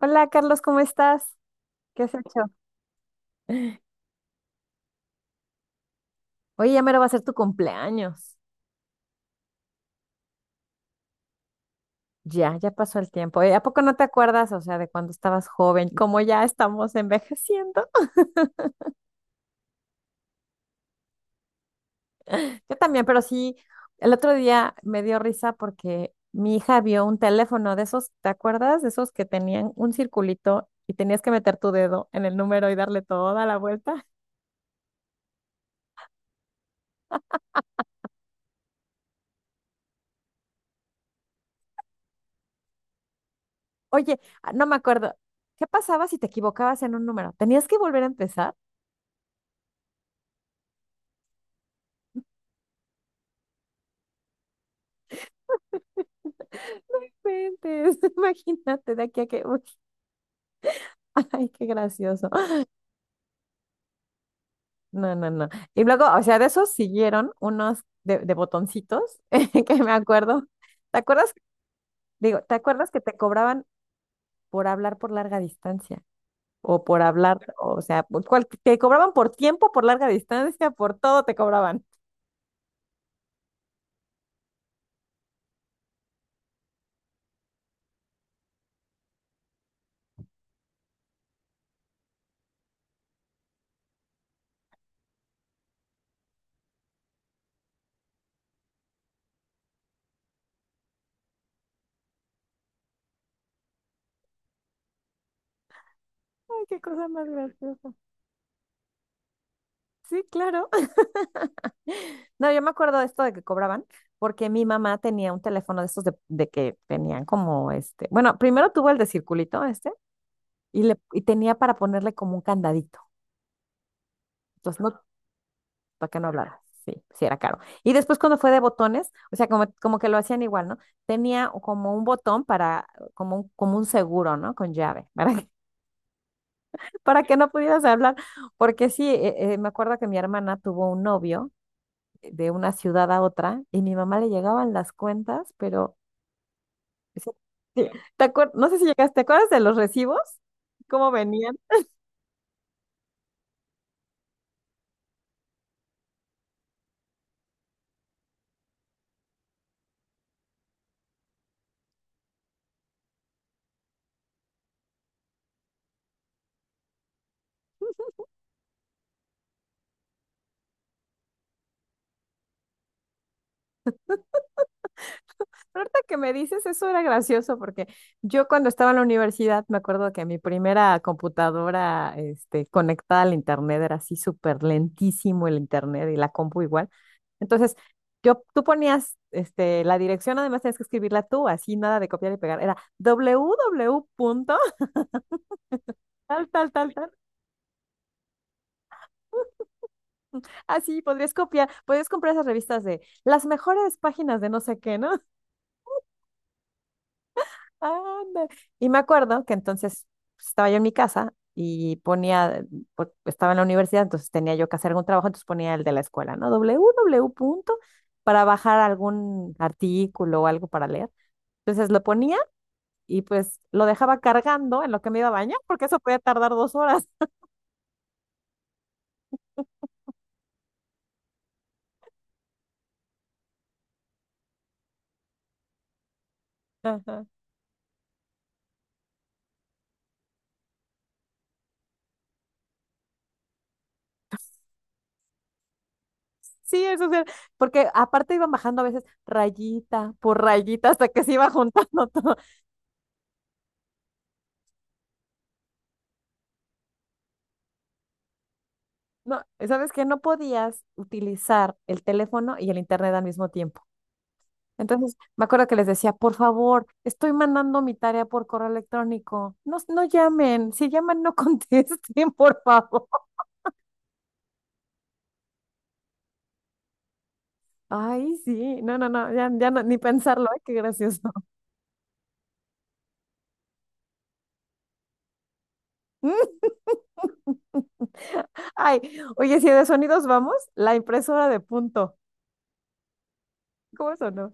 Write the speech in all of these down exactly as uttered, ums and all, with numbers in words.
Hola Carlos, ¿cómo estás? ¿Qué has hecho? Oye, ya mero va a ser tu cumpleaños. Ya, ya pasó el tiempo. Oye, ¿a poco no te acuerdas, o sea, de cuando estabas joven, cómo ya estamos envejeciendo? Yo también, pero sí, el otro día me dio risa porque mi hija vio un teléfono de esos, ¿te acuerdas? De esos que tenían un circulito y tenías que meter tu dedo en el número y darle toda la vuelta. Oye, ah, no me acuerdo. ¿Qué pasaba si te equivocabas en un número? ¿Tenías que volver a empezar? Inventes, Imagínate de aquí a que... uy. Ay, qué gracioso. No, no, no. Y luego, o sea, de esos siguieron unos de, de botoncitos que me acuerdo. ¿Te acuerdas? Digo, ¿te acuerdas que te cobraban por hablar por larga distancia? O por hablar, o sea, por cual- te cobraban por tiempo, por larga distancia, por todo te cobraban. Ay, qué cosa más graciosa. Sí, claro. No, yo me acuerdo de esto de que cobraban, porque mi mamá tenía un teléfono de estos de, de que tenían como este. Bueno, primero tuvo el de circulito, este. Y, le, y tenía para ponerle como un candadito. Entonces, no, para que no hablara. Sí, sí era caro. Y después cuando fue de botones, o sea, como, como que lo hacían igual, ¿no? Tenía como un botón para, como un, como un seguro, ¿no? Con llave, para que, para que no pudieras hablar. Porque sí, eh, eh, me acuerdo que mi hermana tuvo un novio de una ciudad a otra y mi mamá le llegaban las cuentas, pero sí, sí, ¿Te acuer- no sé si llegaste, ¿te acuerdas de los recibos? ¿Cómo venían? Ahorita que me dices, eso era gracioso porque yo cuando estaba en la universidad me acuerdo que mi primera computadora este, conectada al internet era así súper lentísimo el internet y la compu igual. Entonces, yo, tú ponías este, la dirección, además tenías que escribirla tú, así nada de copiar y pegar. Era www. Tal, tal, tal, tal. Así podrías copiar, podrías comprar esas revistas de las mejores páginas de no sé qué, ¿no? Anda. Y me acuerdo que entonces pues, estaba yo en mi casa y ponía, por- estaba en la universidad, entonces tenía yo que hacer algún trabajo, entonces ponía el de la escuela, ¿no? www punto para bajar algún artículo o algo para leer. Entonces lo ponía y pues lo dejaba cargando en lo que me iba a bañar, porque eso podía tardar dos horas. Ajá. Sí, eso sí, porque aparte iban bajando a veces rayita por rayita hasta que se iba juntando todo. No, ¿sabes qué? No podías utilizar el teléfono y el internet al mismo tiempo. Entonces, me acuerdo que les decía, por favor, estoy mandando mi tarea por correo electrónico. No, no llamen, si llaman, no contesten, por favor. Ay, sí, no, no, no, ya, ya no, ni pensarlo, ay, qué gracioso. Ay, oye, si de sonidos vamos, la impresora de punto. ¿Cómo sonó?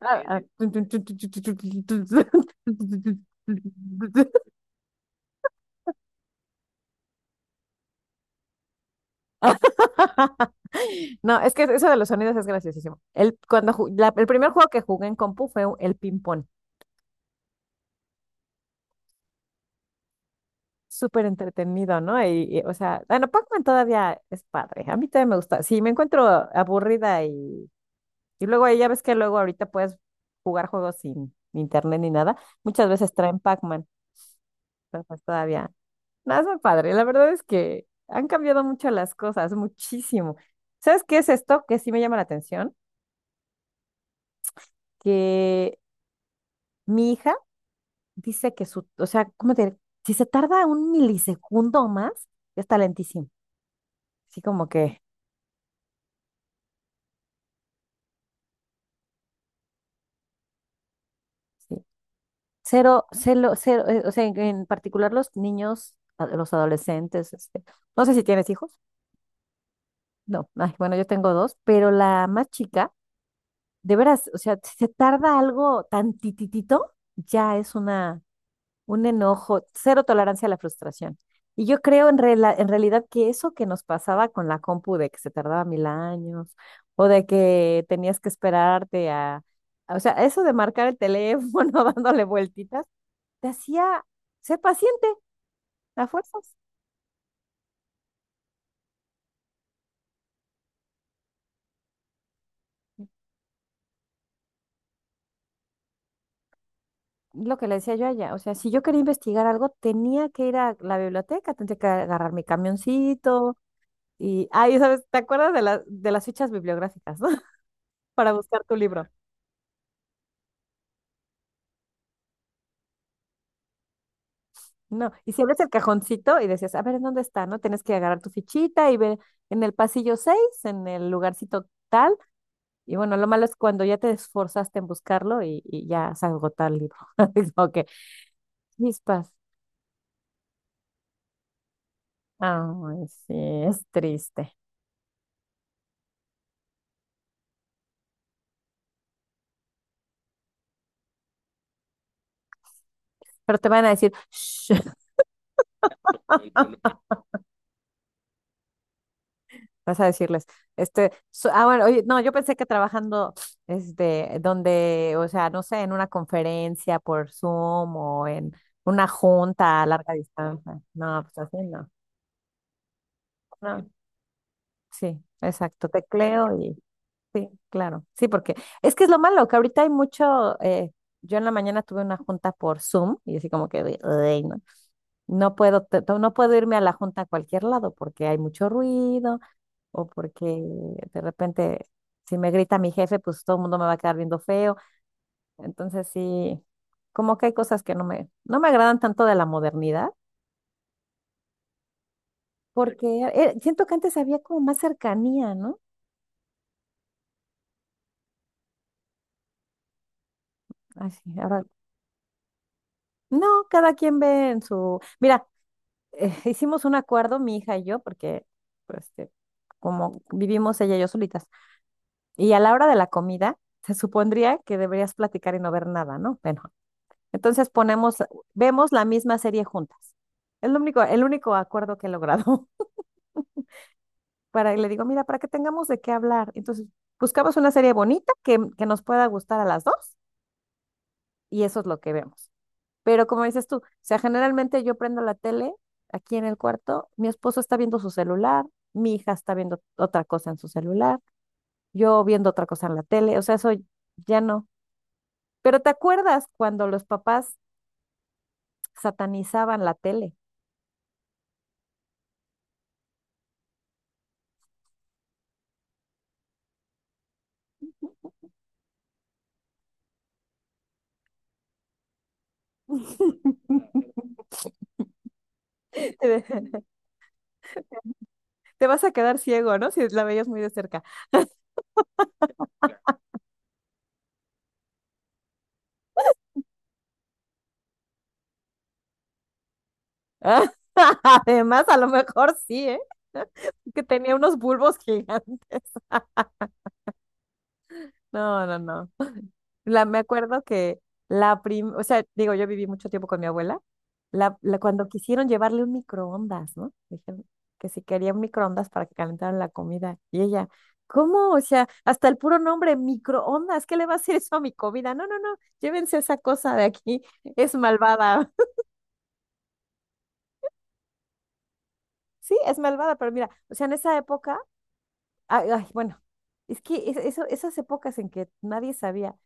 Ah, ah. No, es que eso de los sonidos es graciosísimo. El, cuando ju- la- el primer juego que jugué en compu fue el ping-pong. Súper entretenido, ¿no? Y, y, o sea, bueno, Pac-Man todavía es padre. A mí todavía me gusta. Si me encuentro aburrida y, y luego ahí ya ves que luego ahorita puedes jugar juegos sin internet ni nada, muchas veces traen Pac-Man. Entonces todavía. Nada, es muy padre. La verdad es que han cambiado mucho las cosas, muchísimo. ¿Sabes qué es esto que sí me llama la atención? Que mi hija dice que su, o sea, ¿cómo te diré? Si se tarda un milisegundo o más, ya está lentísimo. Así como que, sí. Cero, cero, cero, eh, o sea, en, en particular los niños, a- los adolescentes, este, no sé si tienes hijos, no, ay, bueno, yo tengo dos, pero la más chica, de veras, o sea, si se tarda algo tan tititito, ya es una un enojo, cero tolerancia a la frustración. Y yo creo en, rela- en realidad que eso que nos pasaba con la compu de que se tardaba mil años o de que tenías que esperarte a, a- o sea, eso de marcar el teléfono dándole vueltitas, te hacía ser paciente a fuerzas. Lo que le decía yo allá, o sea, si yo quería investigar algo, tenía que ir a la biblioteca, tenía que agarrar mi camioncito y, ay, ¿sabes? ¿Te acuerdas de, la- de las fichas bibliográficas, ¿no? Para buscar tu libro. No, y si abres el cajoncito y decías, a ver, ¿en dónde está? ¿No? Tienes que agarrar tu fichita y ver en el pasillo seis en el lugarcito tal. Y bueno, lo malo es cuando ya te esforzaste en buscarlo y, y ya se agotó el libro. Es como que, chispas. Ay, sí, es triste. Pero te van a decir, "Shh", vas a decirles, este, so- ah, bueno, oye, no, yo pensé que trabajando, este, donde, o sea, no sé, en una conferencia por Zoom o en una junta a larga distancia. No, pues así no. No, sí, exacto, tecleo y sí, claro. Sí, porque es que es lo malo, que ahorita hay mucho, eh, yo en la mañana tuve una junta por Zoom y así como que, de, "Ay, no, no puedo, te- to- no puedo irme a la junta a cualquier lado porque hay mucho ruido o porque de repente si me grita mi jefe, pues todo el mundo me va a quedar viendo feo. Entonces sí, como que hay cosas que no me, no me agradan tanto de la modernidad porque eh, siento que antes había como más cercanía, ¿no? Así, ahora no, cada quien ve en su. Mira, eh, hicimos un acuerdo, mi hija y yo, porque pues, este, como vivimos ella y yo solitas, y a la hora de la comida, se supondría que deberías platicar y no ver nada, ¿no? Bueno, entonces ponemos, vemos la misma serie juntas. Es lo único, el único acuerdo que he logrado. Para, y le digo, mira, para que tengamos de qué hablar. Entonces, buscamos una serie bonita que, que nos pueda gustar a las dos, y eso es lo que vemos. Pero como dices tú, o sea, generalmente yo prendo la tele aquí en el cuarto, mi esposo está viendo su celular, mi hija está viendo otra cosa en su celular, yo viendo otra cosa en la tele, o sea, eso ya no. Pero ¿te acuerdas cuando los papás satanizaban la tele? Te te vas a quedar ciego, ¿no? Si la veías muy de cerca. Además, a lo mejor sí, ¿eh? Que tenía unos bulbos gigantes. No, no, no. La, me acuerdo que la prim, o sea, digo, yo viví mucho tiempo con mi abuela. La, la- cuando quisieron llevarle un microondas, ¿no? Dijeron que si quería un microondas para que calentaran la comida. Y ella, ¿cómo? O sea, hasta el puro nombre, microondas, ¿qué le va a hacer eso a mi comida? No, no, no, llévense esa cosa de aquí, es malvada. Sí, es malvada, pero mira, o sea, en esa época, ay, ay, bueno, es que es- eso, esas épocas en que nadie sabía.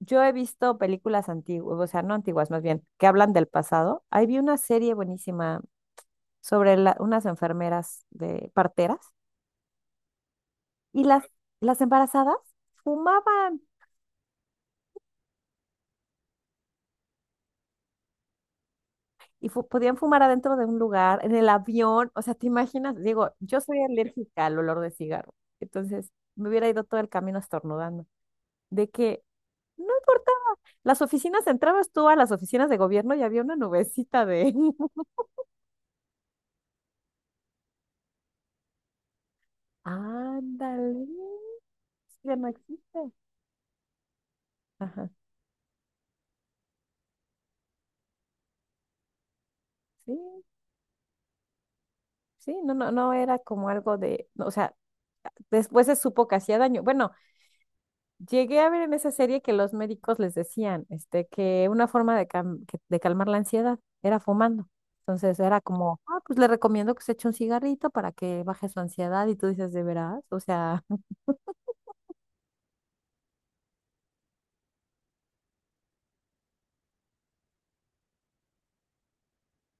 Yo he visto películas antiguas, o sea, no antiguas, más bien, que hablan del pasado. Ahí vi una serie buenísima sobre la- unas enfermeras de parteras y las, las embarazadas fumaban y fu- podían fumar adentro de un lugar, en el avión. O sea, ¿te imaginas? Digo, yo soy alérgica al olor de cigarro, entonces me hubiera ido todo el camino estornudando. De que no importa, las oficinas, entrabas tú a las oficinas de gobierno y había una nubecita de. Ándale, ya no existe. Ajá. Sí, sí, no, no, no era como algo de, no, o sea, después se supo que hacía daño. Bueno, llegué a ver en esa serie que los médicos les decían, este, que una forma de, cam- que- de calmar la ansiedad era fumando. Entonces era como, ah, pues le recomiendo que se eche un cigarrito para que baje su ansiedad y tú dices, ¿de veras? O sea,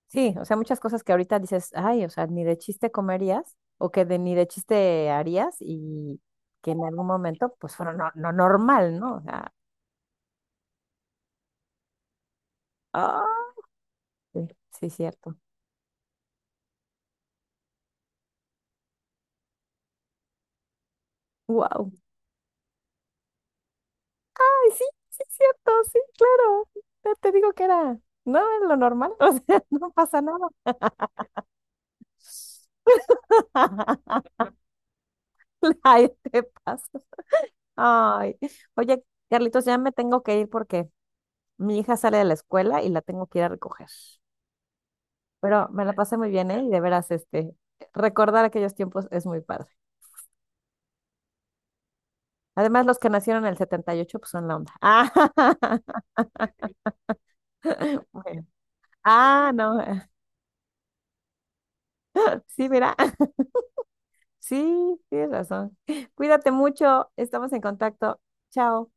sí, o sea, muchas cosas que ahorita dices, ay, o sea, ni de chiste comerías o que de, ni de chiste harías y que en algún momento pues fueron no, no normal, ¿no? O sea, ¡ah! Sí, sí, cierto. Wow. Ay, sí, sí, cierto, sí, claro. Ya te digo que era, no era lo normal, o sea, no pasa nada. Ay, te pasa. Ay, oye, Carlitos, ya me tengo que ir porque mi hija sale de la escuela y la tengo que ir a recoger. Pero me la pasé muy bien, ¿eh? Y de veras, este, recordar aquellos tiempos es muy padre. Además, los que nacieron en el setenta y ocho pues son la onda. Ah, bueno. Ah, no. Sí, mira. Sí, tienes razón. Cuídate mucho, estamos en contacto. Chao.